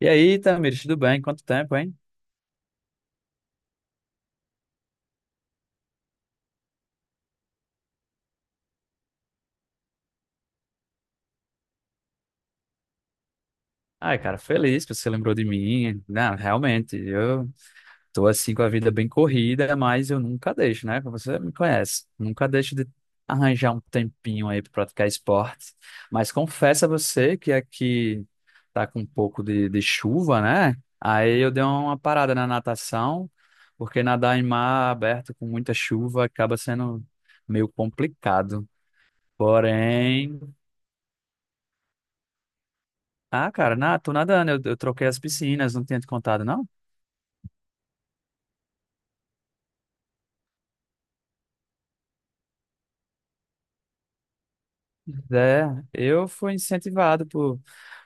E aí, Tamires, tudo bem? Quanto tempo, hein? Ai, cara, feliz que você lembrou de mim. Não, realmente, eu tô assim com a vida bem corrida, mas eu nunca deixo, né? Você me conhece. Nunca deixo de arranjar um tempinho aí pra praticar esporte. Mas confesso a você que aqui tá com um pouco de chuva, né? Aí eu dei uma parada na natação, porque nadar em mar aberto com muita chuva acaba sendo meio complicado. Porém, tô nadando, eu troquei as piscinas, não tinha te contado, não? É, eu fui incentivado por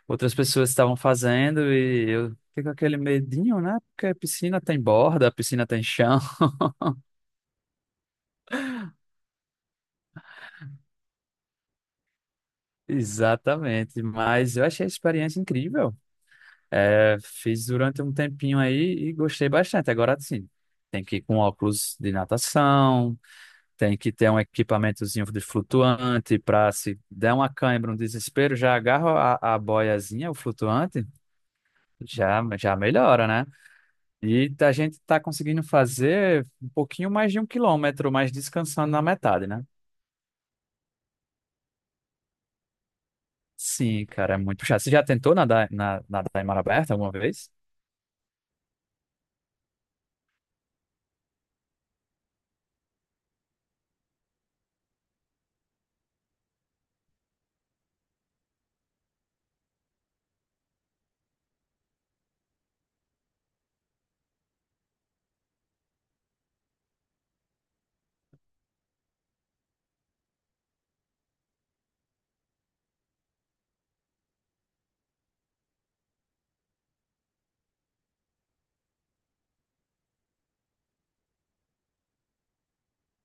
outras pessoas que estavam fazendo e eu fico com aquele medinho, né? Porque a piscina tem borda, a piscina tem chão. Exatamente, mas eu achei a experiência incrível. É, fiz durante um tempinho aí e gostei bastante. Agora sim, tem que ir com óculos de natação. Tem que ter um equipamentozinho de flutuante para se der uma cãibra, um desespero, já agarra a boiazinha, o flutuante, já melhora, né? E a gente está conseguindo fazer um pouquinho mais de um quilômetro, mas descansando na metade, né? Sim, cara, é muito chato. Você já tentou nadar em mar aberto alguma vez?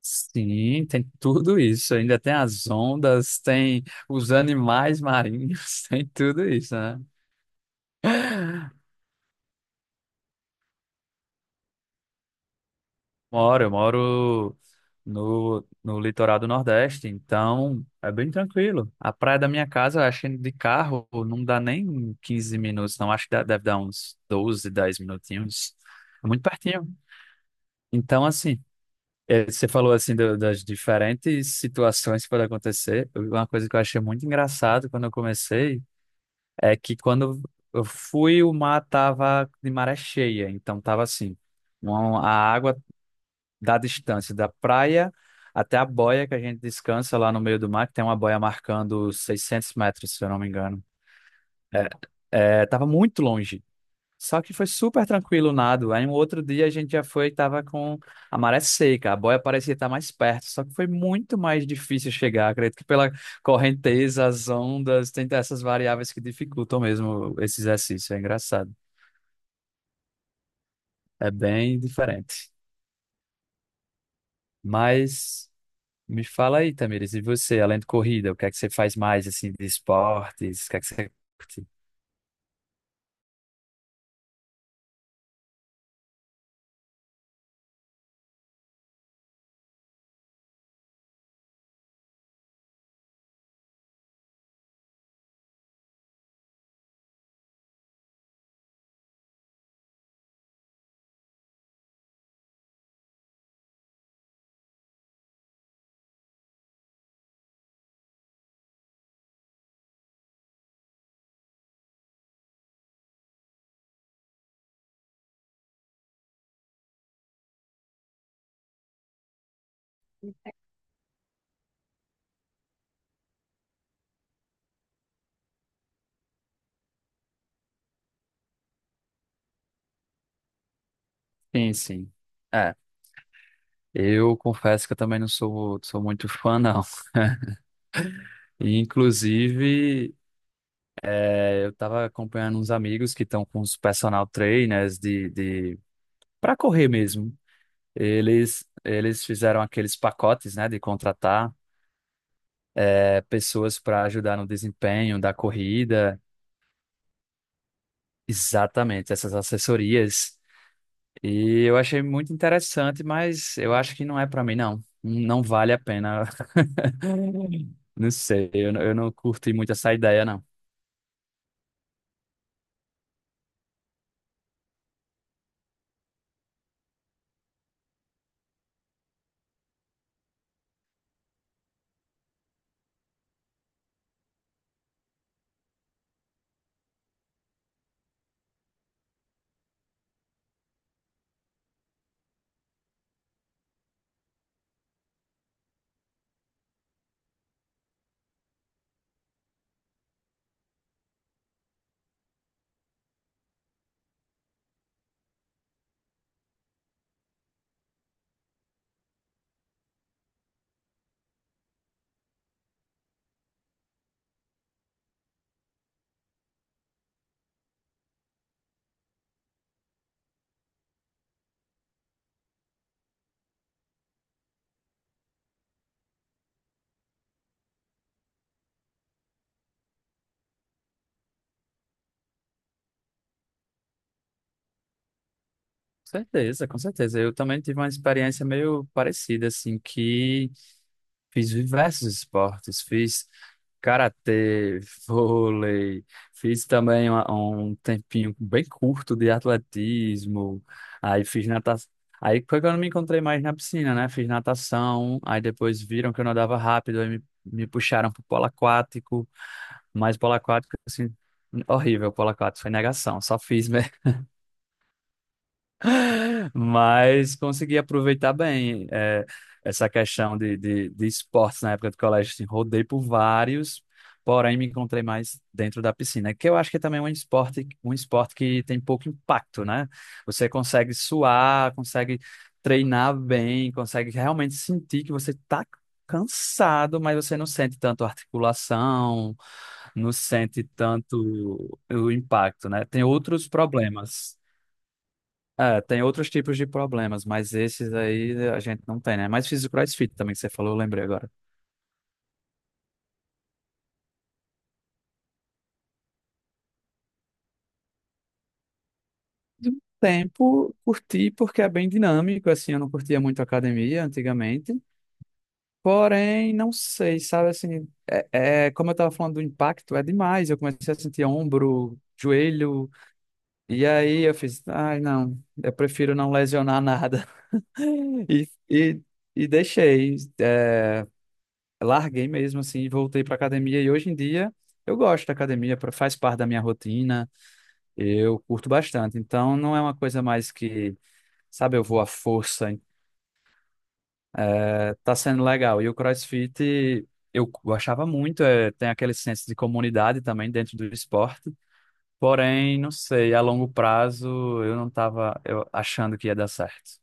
Sim, tem tudo isso. Ainda tem as ondas, tem os animais marinhos, tem tudo isso, né? Moro, eu moro no litoral do Nordeste, então é bem tranquilo. A praia da minha casa, eu acho que de carro não dá nem 15 minutos, não. Acho que deve dar uns 12, 10 minutinhos. É muito pertinho. Então, assim, você falou assim das diferentes situações que podem acontecer. Uma coisa que eu achei muito engraçado quando eu comecei é que quando eu fui, o mar tava de maré cheia, então tava assim. A água da distância da praia até a boia que a gente descansa lá no meio do mar, que tem uma boia marcando 600 metros, se eu não me engano. Tava muito longe. Só que foi super tranquilo o nado. Aí um outro dia a gente já foi e tava com a maré seca. A boia parecia estar mais perto, só que foi muito mais difícil chegar. Acredito que pela correnteza, as ondas, tem essas variáveis que dificultam mesmo esse exercício. É engraçado. É bem diferente. Mas me fala aí, Tamires, e você, além de corrida, o que é que você faz mais, assim, de esportes? O que é que você curte? Sim, sim. É, eu confesso que eu também não sou, sou muito fã, não. E, inclusive, eu tava acompanhando uns amigos que estão com os personal trainers de... para correr mesmo. Eles fizeram aqueles pacotes, né, de contratar pessoas para ajudar no desempenho da corrida. Exatamente, essas assessorias. E eu achei muito interessante, mas eu acho que não é pra mim, não. Não vale a pena. Não sei, eu não curti muito essa ideia, não. Com certeza, com certeza. Eu também tive uma experiência meio parecida, assim, que fiz diversos esportes, fiz karatê, vôlei, fiz também um tempinho bem curto de atletismo, aí fiz natação. Aí foi quando eu me encontrei mais na piscina, né? Fiz natação, aí depois viram que eu nadava rápido, aí me puxaram pro polo aquático, mas polo aquático, assim, horrível, polo aquático, foi negação, só fiz, mas consegui aproveitar bem essa questão de esportes na época do colégio. Assim, rodei por vários, porém me encontrei mais dentro da piscina, que eu acho que também é um esporte que tem pouco impacto, né? Você consegue suar, consegue treinar bem, consegue realmente sentir que você está cansado, mas você não sente tanto articulação, não sente tanto o impacto, né? Tem outros problemas. É, tem outros tipos de problemas, mas esses aí a gente não tem, né? Mas fiz o CrossFit também, que você falou, eu lembrei agora. De um tempo, curti porque é bem dinâmico, assim, eu não curtia muito academia antigamente, porém, não sei, sabe, assim, como eu tava falando do impacto, é demais, eu comecei a sentir ombro, joelho, e aí eu fiz, ai, não, eu prefiro não lesionar nada, e, e, e deixei, larguei mesmo assim, e voltei para academia e hoje em dia eu gosto da academia, faz parte da minha rotina, eu curto bastante. Então não é uma coisa mais que, sabe, eu vou à força, tá sendo legal. E o CrossFit eu gostava muito, é tem aquele senso de comunidade também dentro do esporte. Porém, não sei, a longo prazo eu não estava achando que ia dar certo.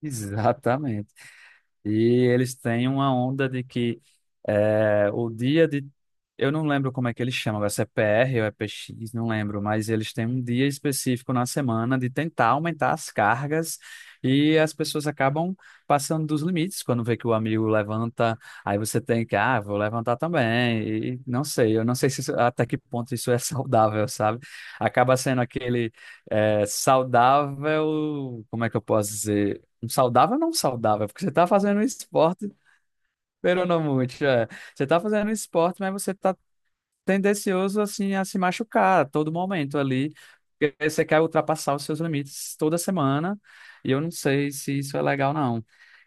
Exatamente. E eles têm uma onda de que o dia de. Eu não lembro como é que eles chamam, agora, se é PR ou é PX, não lembro, mas eles têm um dia específico na semana de tentar aumentar as cargas e as pessoas acabam passando dos limites. Quando vê que o amigo levanta, aí você tem que, ah, vou levantar também. E não sei, eu não sei se até que ponto isso é saudável, sabe? Acaba sendo aquele saudável, como é que eu posso dizer? Saudável ou não saudável? Porque você tá fazendo um esporte, pero não muito. É. Você tá fazendo um esporte, mas você tá tendencioso assim a se machucar a todo momento ali. Porque você quer ultrapassar os seus limites toda semana, e eu não sei se isso é legal, não.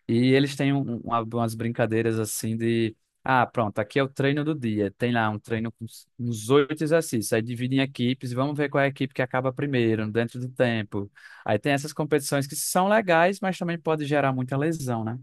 E eles têm umas brincadeiras assim de. Ah, pronto, aqui é o treino do dia. Tem lá um treino com uns oito exercícios. Aí dividem em equipes, vamos ver qual é a equipe que acaba primeiro, dentro do tempo. Aí tem essas competições que são legais, mas também pode gerar muita lesão, né?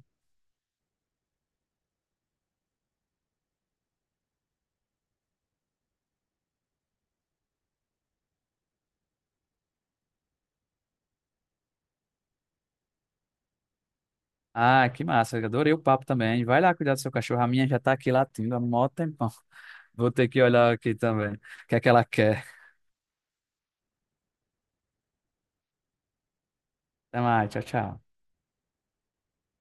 Ah, que massa, eu adorei o papo também. Vai lá cuidar do seu cachorro. A minha já tá aqui latindo há mó tempão. Vou ter que olhar aqui também. O que é que ela quer? Até mais, tchau, tchau.